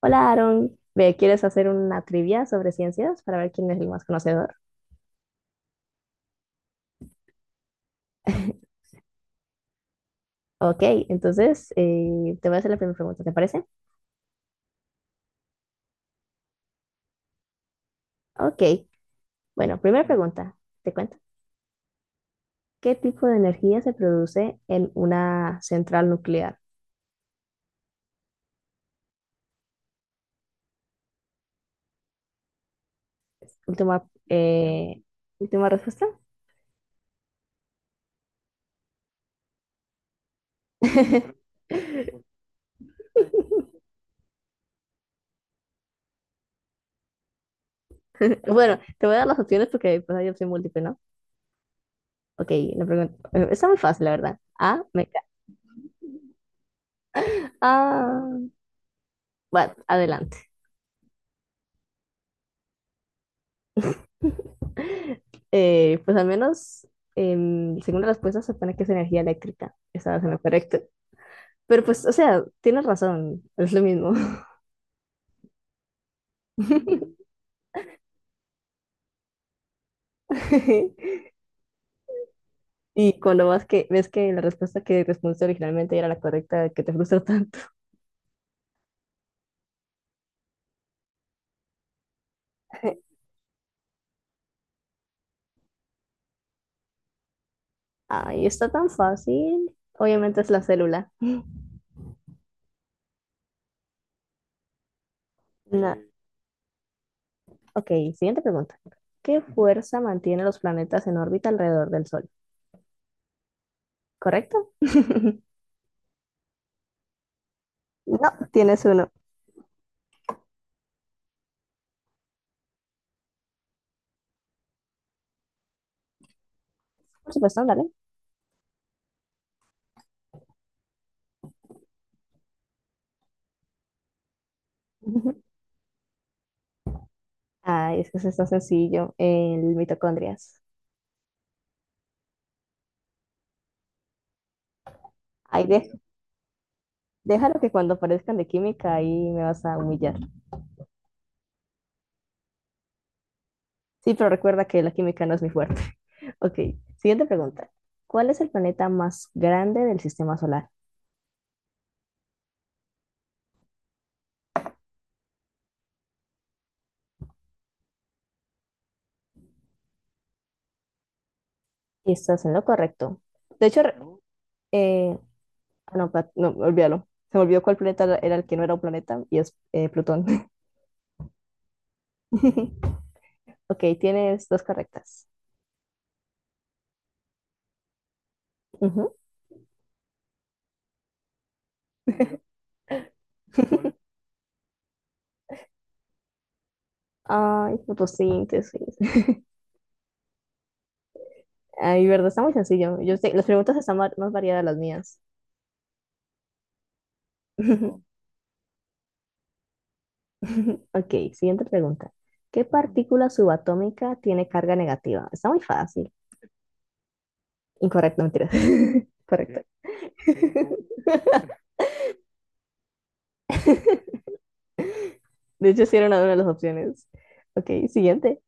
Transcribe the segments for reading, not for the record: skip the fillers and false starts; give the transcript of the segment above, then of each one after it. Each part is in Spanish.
Hola, Aaron. Ve, ¿quieres hacer una trivia sobre ciencias para ver quién es el más conocedor? Ok, entonces te voy a hacer la primera pregunta, ¿te parece? Ok, bueno, primera pregunta, te cuento. ¿Qué tipo de energía se produce en una central nuclear? Última, eh, última respuesta. Bueno, te voy a dar las opciones porque pues, hay opción múltiple, ¿no? Ok, la pregunta. Bueno, está muy fácil, la verdad. A, meca. Ah, bueno, adelante. Pues al menos, según la respuesta, se supone que es energía eléctrica. Estabas en lo correcto. Pero pues, o sea, tienes razón, es lo mismo. Y cuando ves que la respuesta que respondiste originalmente era la correcta, que te frustra tanto. Ay, está tan fácil. Obviamente es la célula. Na- Ok, siguiente pregunta. ¿Qué fuerza mantiene los planetas en órbita alrededor del Sol? ¿Correcto? No, tienes uno. Por supuesto, dale. Ah, es que eso está sencillo, el mitocondrias. Ahí de- Déjalo que cuando aparezcan de química ahí me vas a humillar. Sí, pero recuerda que la química no es mi fuerte. Ok, siguiente pregunta. ¿Cuál es el planeta más grande del sistema solar? Estás en lo correcto. ¿No? eh, no, olvídalo. Se me olvidó cuál planeta era el que no era un planeta y es Plutón. Ok, tienes dos correctas. Ujú. Ay, fotosíntesis. Ay, verdad, está muy sencillo. Yo sé, las preguntas más variadas las mías. Ok, siguiente pregunta. ¿Qué partícula subatómica tiene carga negativa? Está muy fácil. Incorrecto, mentira. Correcto. De hecho, sí era una de las opciones. Ok, siguiente.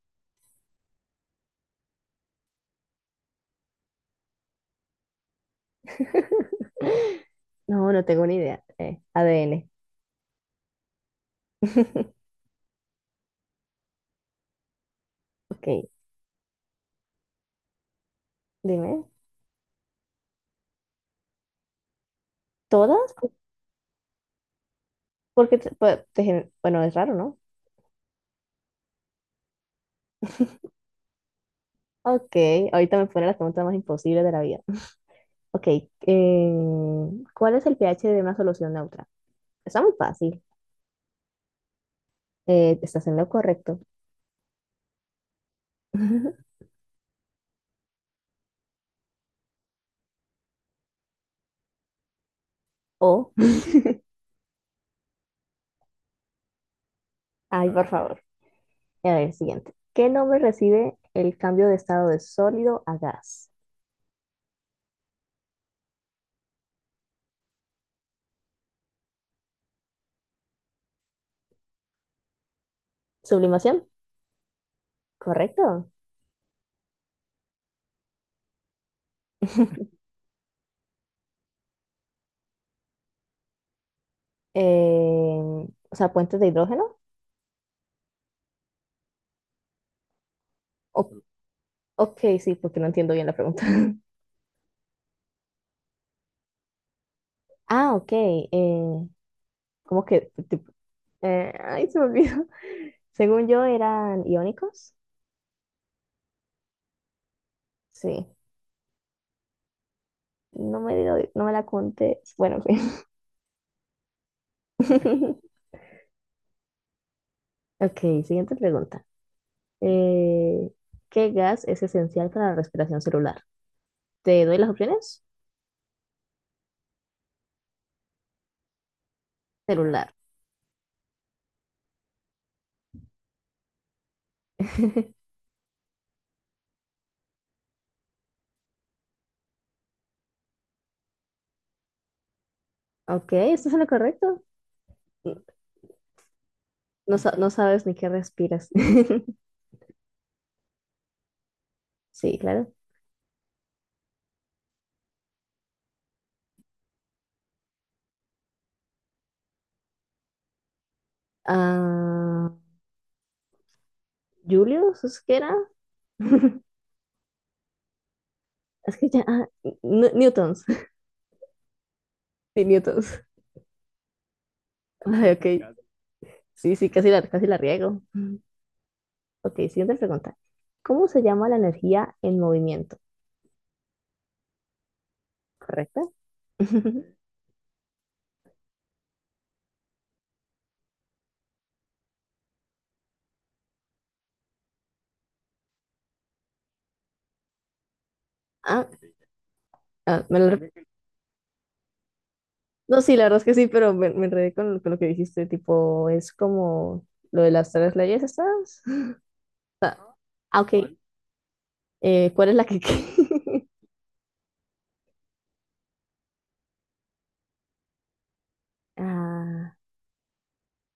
No, no tengo ni idea. ADN. Ok, dime. ¿Todas? Porque, pues, bueno, es raro, ¿no? Ok, ahorita me pone las preguntas más imposibles de la vida. Ok, eh, ¿cuál es el pH de una solución neutra? Está muy fácil. Estás en lo correcto. O, ay, por favor. A ver, siguiente. ¿Qué nombre recibe el cambio de estado de sólido a gas? Sublimación, correcto. Eh, o sea, puentes de hidrógeno. O- ok, sí, porque no entiendo bien la pregunta. Ah, ok. ¿Cómo que? Tipo, ay, se me olvidó. Según yo, eran iónicos. Sí. No me la contes. Bueno, en fin. Ok, siguiente pregunta. Eh, ¿Qué gas es esencial para la respiración celular? ¿Te doy las opciones? Celular. Ok, esto es lo correcto. No, no sabes ni qué respiras. Sí, claro. Ah, ¿Julius? ¿Es que era? Es que ya. Newtons. Sí, Newtons. Ay, ok. Sí, casi la riego. Ok, siguiente pregunta. ¿Cómo se llama la energía en movimiento? ¿Correcto? Ah, ah, me lo re- No, sí, la verdad es que sí, pero me enredé con lo que dijiste, tipo, es como lo de las tres leyes estas. Ah, ok. ¿Cuál es la que... Ah,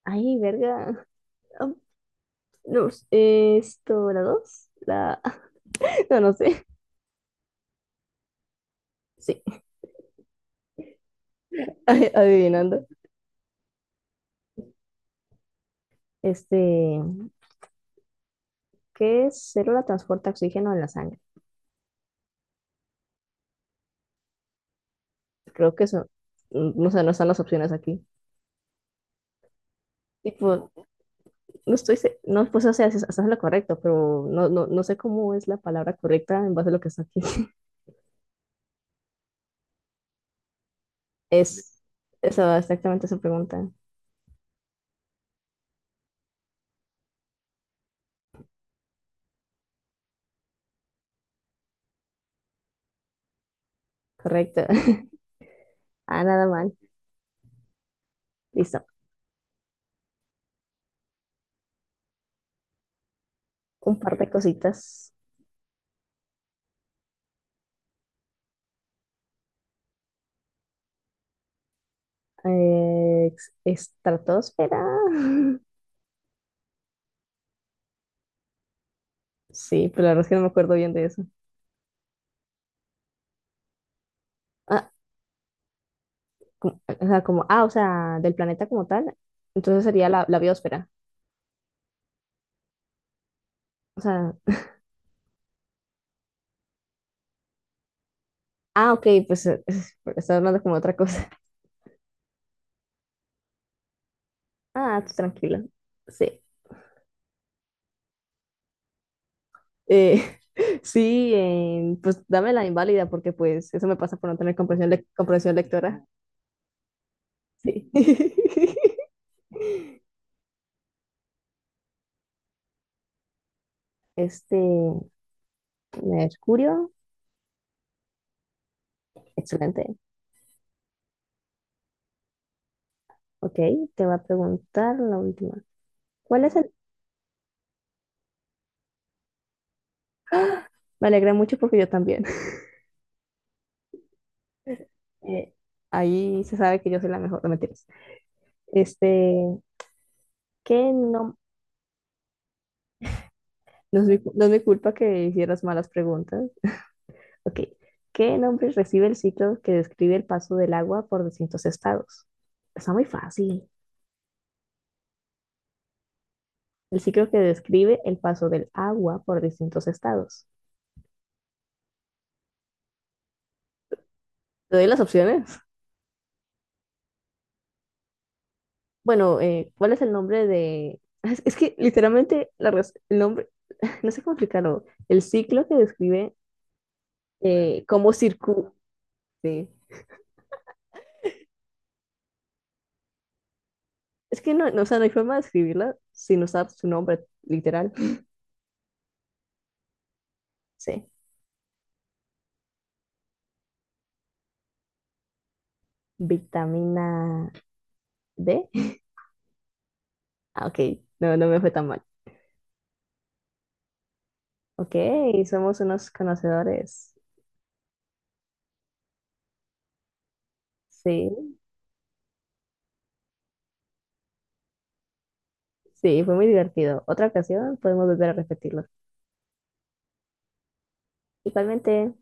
ay, verga. Ah, no, esto, la dos, la... No, no sé. Sí, adivinando. Este, ¿qué célula transporta oxígeno en la sangre? Creo que eso, mm, no sé, no están las opciones aquí. Tipo, no, pues o sea, estás en lo correcto, pero no sé cómo es la palabra correcta en base a lo que está aquí. Es, eso, exactamente esa pregunta. Correcto. Ah, nada mal. Listo. Un par de cositas. Estratosfera. Sí, pero la verdad es que no me acuerdo bien de eso. Ah, como, o sea, como, ah, o sea, del planeta como tal. Entonces sería la biosfera. O sea, ah, ok, pues estaba hablando como de otra cosa. Ah, tú tranquila. Sí. Eh, sí, pues dame la inválida porque pues eso me pasa por no tener comprensión lectora. Sí. Este, Mercurio, excelente. Ok, te va a preguntar la última. ¿Cuál es el... ¡Ah! Me alegra mucho porque yo también. Eh, ahí se sabe que yo soy la mejor, no mentiras. Este, que no, no es mi culpa que hicieras malas preguntas. Ok. ¿Qué nombre recibe el ciclo que describe el paso del agua por distintos estados? Está muy fácil. El ciclo que describe el paso del agua por distintos estados. ¿Te doy las opciones? Bueno, ¿cuál es el nombre de...? Es que literalmente el nombre, no sé cómo explicarlo, el ciclo que describe cómo circula. Es que no, o sea, no hay forma de escribirla sin usar su nombre literal. Sí. Vitamina D. Ah, ok, no, no me fue tan mal. Ok, somos unos conocedores. Sí, sí, fue muy divertido. Otra ocasión podemos volver a repetirlo. Igualmente.